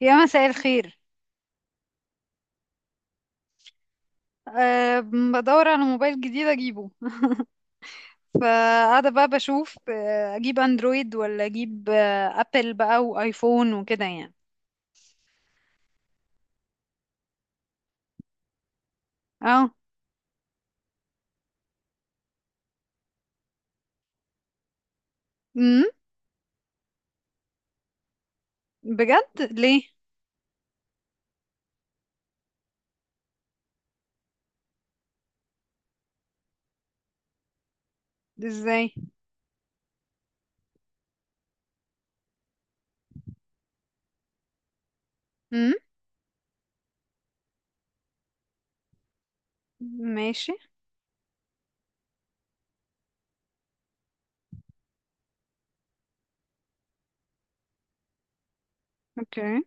يا مساء الخير. أه. بدور على موبايل جديد اجيبه. فقاعدة بقى بشوف، اجيب اندرويد ولا اجيب، ابل بقى وايفون وكده يعني. اه. امم بجد ليه؟ ازاي؟ امم ماشي. اوكي.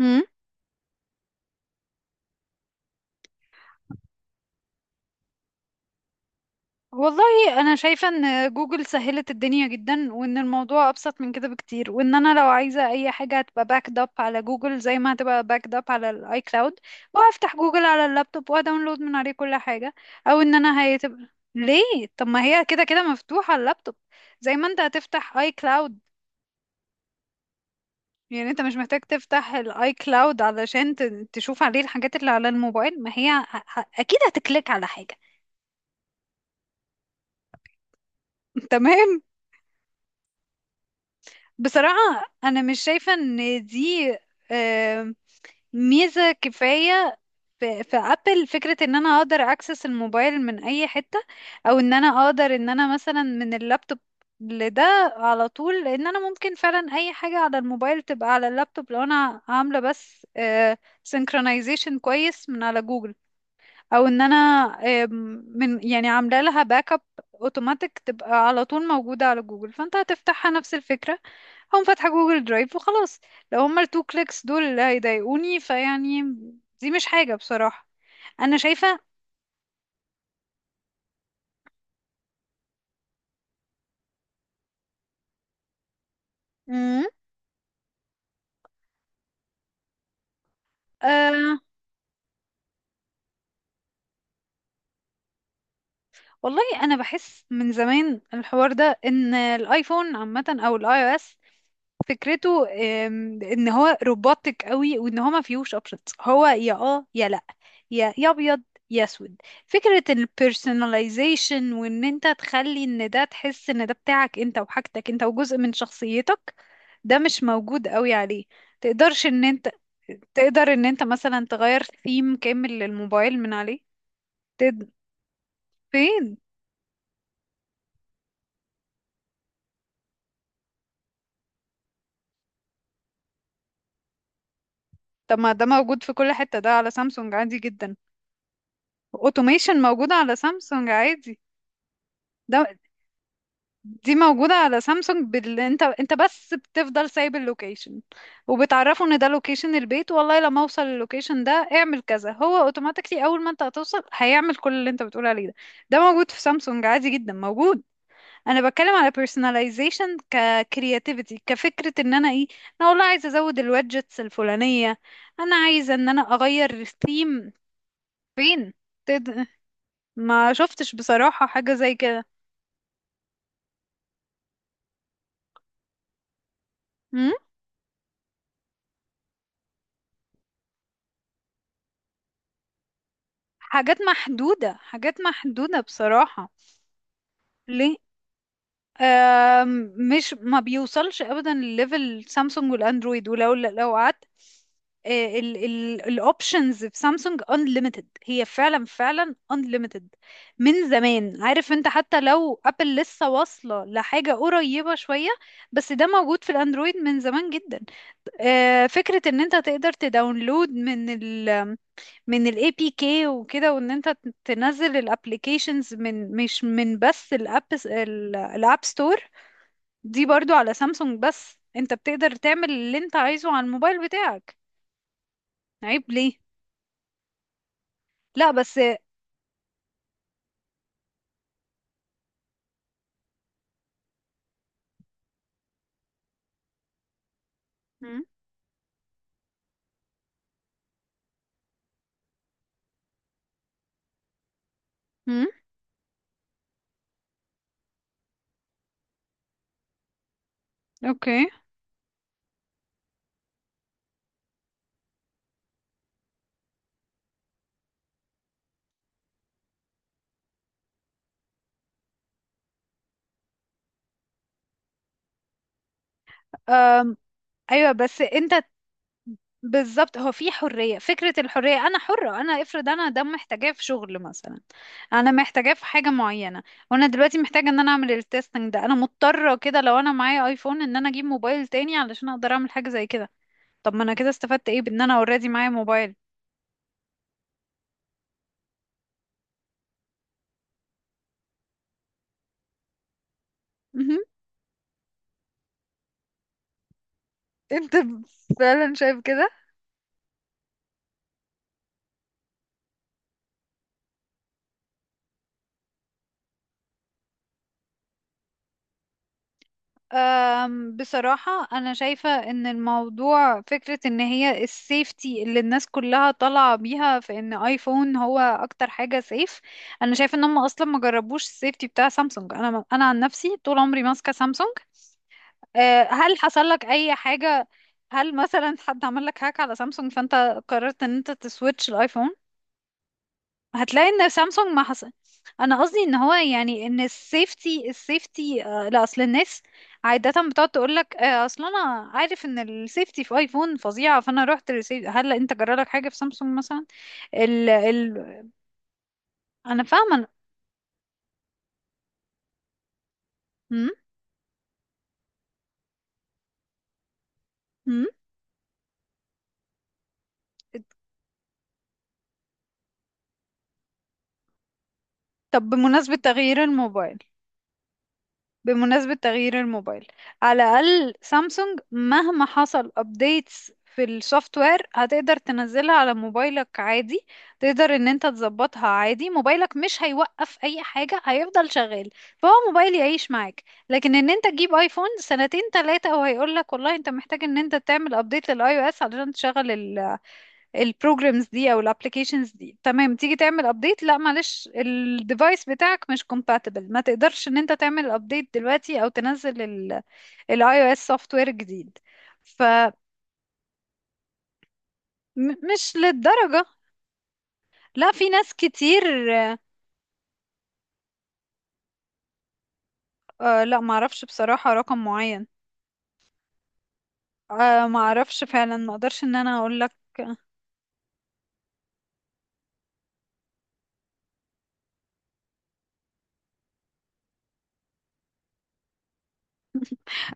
امم والله انا شايفه ان جوجل سهلت الدنيا جدا، وان الموضوع ابسط من كده بكتير، وان انا لو عايزه اي حاجه هتبقى باكد اب على جوجل زي ما هتبقى باكد اب على الاي كلاود. وافتح جوجل على اللابتوب واداونلود من عليه كل حاجه. او ان انا هيتبقى. ليه؟ طب ما هي كده كده مفتوحه على اللابتوب، زي ما انت هتفتح اي كلاود. يعني انت مش محتاج تفتح الاي كلاود علشان تشوف عليه الحاجات اللي على الموبايل. ما هي اكيد هتكليك على حاجه. تمام. بصراحة أنا مش شايفة إن دي آه، ميزة كفاية. في في أبل فكرة إن أنا أقدر أكسس الموبايل من أي حتة، أو إن أنا أقدر إن أنا مثلا من اللابتوب لده على طول، لأن أنا ممكن فعلا أي حاجة على الموبايل تبقى على اللابتوب لو أنا عاملة بس سينكرونايزيشن كويس من على جوجل. او ان انا، آم، من يعني عامله لها باك اب اوتوماتيك تبقى على طول موجوده على جوجل. فانت هتفتحها نفس الفكره، هقوم فاتحه جوجل درايف وخلاص. لو هما التو كليكس دول اللي هيضايقوني فيعني، دي مش حاجه بصراحه انا شايفه. مم. آه. والله انا بحس من زمان الحوار ده ان الايفون عامه او الاي او اس، فكرته ان هو روبوتك قوي، وان هو ما فيهوش اوبشنز. هو يا اه يا لا، يا ابيض يا اسود. فكرة البيرسوناليزيشن وان انت تخلي ان ده تحس ان ده بتاعك انت وحاجتك انت وجزء من شخصيتك، ده مش موجود قوي عليه. تقدرش ان انت تقدر ان انت مثلا تغير ثيم كامل للموبايل من عليه. تد... فين؟ طب ما ده موجود في كل حتة، ده على سامسونج عادي جدا. اوتوميشن موجود على سامسونج عادي. ده، دي موجودة على سامسونج انت، انت بس بتفضل سايب اللوكيشن وبتعرفه ان ده لوكيشن البيت، والله لما اوصل اللوكيشن ده اعمل كذا، هو اوتوماتيكلي اول ما انت هتوصل هيعمل كل اللي انت بتقول عليه ده. ده موجود في سامسونج عادي جدا موجود. انا بتكلم على personalization ككرياتيفيتي، كفكرة ان انا ايه، انا والله عايزة ازود الوادجتس الفلانية، انا عايزة ان انا اغير الثيم. فين؟ تد... ما شفتش بصراحة حاجة زي كده. حاجات محدودة، حاجات محدودة بصراحة. ليه؟ مش ما بيوصلش ابدا لليفل سامسونج والاندرويد، ولو لو قعدت، الاوبشنز في سامسونج unlimited، هي فعلا فعلا unlimited من زمان. عارف انت، حتى لو ابل لسه واصلة لحاجة قريبة شوية، بس ده موجود في الاندرويد من زمان جدا. فكرة ان انت تقدر تداونلود من من الاي بي كي وكده، وان انت تنزل الابليكيشنز من، مش من بس الاب، الاب ستور، دي برضو على سامسونج، بس انت بتقدر تعمل اللي انت عايزه على الموبايل بتاعك. عيب ليه؟ لا بس. مم. امم. اوكي. أم. ايوه بس انت، بالظبط، هو في حرية، فكرة الحرية. أنا حرة، أنا افرض أنا ده محتاجاه في شغل مثلا، أنا محتاجاه في حاجة معينة، وأنا دلوقتي محتاجة إن أنا أعمل التستنج ده. أنا مضطرة كده لو أنا معايا أيفون إن أنا أجيب موبايل تاني علشان أقدر أعمل حاجة زي كده. طب ما أنا كده استفدت إيه بإن أنا أوريدي معايا موبايل؟ مهم. أنت فعلا شايف كده. أم، بصراحة أنا شايفة إن الموضوع فكرة إن هي السيفتي اللي الناس كلها طالعة بيها في إن آيفون هو أكتر حاجة سيف. أنا شايفة إن هم أصلا ما جربوش السيفتي بتاع سامسونج. أنا عن نفسي طول عمري ماسكة سامسونج. أه، هل حصل لك أي حاجة؟ هل مثلا حد عمل لك هاك على سامسونج فأنت قررت إن أنت تسويتش الآيفون؟ هتلاقي ان سامسونج ما حصل. انا قصدي ان هو يعني ان السيفتي، السيفتي، آه لا، اصل الناس عادة بتقعد تقول لك آه، اصل انا عارف ان السيفتي في ايفون فظيعة فانا رحت للسيفتي. هل انت جرالك حاجة في سامسونج مثلا؟ ال ال انا فاهمة. أمم، أمم. طب بمناسبة تغيير الموبايل، بمناسبة تغيير الموبايل، على الأقل سامسونج مهما حصل updates في السوفت وير هتقدر تنزلها على موبايلك عادي. تقدر ان انت تظبطها عادي، موبايلك مش هيوقف اي حاجة، هيفضل شغال. فهو موبايل يعيش معاك. لكن ان انت تجيب ايفون سنتين تلاتة وهيقولك والله انت محتاج ان انت تعمل update للاي او اس علشان تشغل البروجرامز دي او الابلكيشنز دي. تمام، تيجي تعمل ابديت، لا معلش الديفايس بتاعك مش compatible، ما تقدرش ان انت تعمل ابديت دلوقتي او تنزل الاي او اس سوفت وير جديد. فمش للدرجة. لا في ناس كتير. آه لا معرفش بصراحة رقم معين. آه معرفش فعلا، ما اقدرش ان انا اقول لك.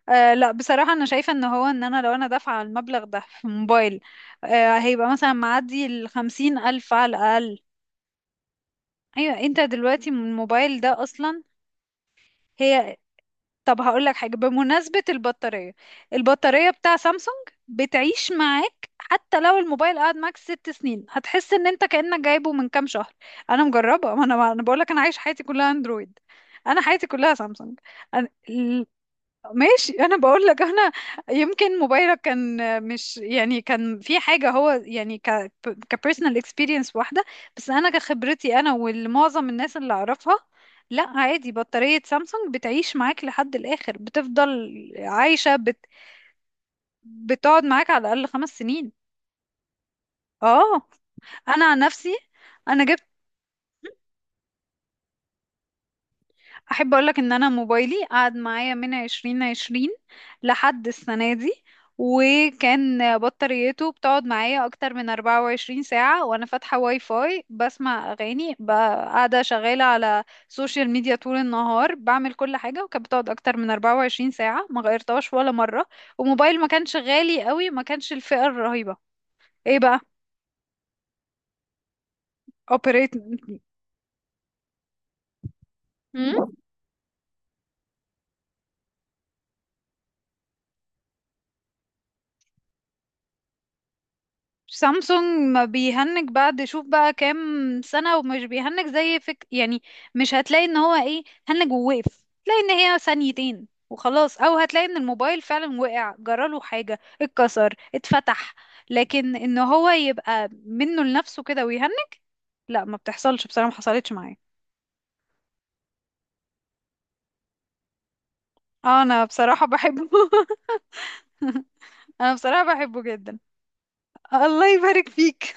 آه لا، بصراحة أنا شايفة إن هو، إن أنا لو أنا دافعة المبلغ ده في موبايل، آه هيبقى مثلا معدي الـ50 ألف على الأقل. ايوه انت دلوقتي من الموبايل ده اصلا هي. طب هقول لك حاجه بمناسبه البطاريه. البطاريه بتاع سامسونج بتعيش معاك حتى لو الموبايل قعد معاك 6 سنين هتحس ان انت كانك جايبه من كام شهر. انا مجربه، ما انا بقول لك، انا عايش حياتي كلها اندرويد، انا حياتي كلها سامسونج. أنا... ماشي انا بقول لك انا، يمكن موبايلك كان، مش يعني كان في حاجه، هو يعني كبيرسونال اكسبيرينس واحده، بس انا كخبرتي انا والمعظم الناس اللي اعرفها، لا عادي، بطاريه سامسونج بتعيش معاك لحد الاخر، بتفضل عايشه، بتقعد معاك على الاقل 5 سنين. اه انا عن نفسي، انا جبت، احب اقولك ان انا موبايلي قعد معايا من 2020 لحد السنة دي، وكان بطاريته بتقعد معايا اكتر من 24 ساعة وانا فاتحة واي فاي بسمع اغاني، قاعدة شغالة على سوشيال ميديا طول النهار، بعمل كل حاجة، وكانت بتقعد اكتر من 24 ساعة، ما غيرتهاش ولا مرة. وموبايل ما كانش غالي قوي، ما كانش الفئة الرهيبة. ايه بقى؟ اوبريت، سامسونج ما بيهنج، بعد شوف بقى كام سنة ومش بيهنج زي فك يعني، مش هتلاقي ان هو ايه، هنج ووقف، تلاقي ان هي ثانيتين وخلاص، او هتلاقي ان الموبايل فعلا وقع جراله حاجة، اتكسر، اتفتح. لكن ان هو يبقى منه لنفسه كده ويهنج، لا ما بتحصلش بصراحة، ما حصلتش معايا. انا بصراحة بحبه. انا بصراحة بحبه جدا. الله يبارك فيك.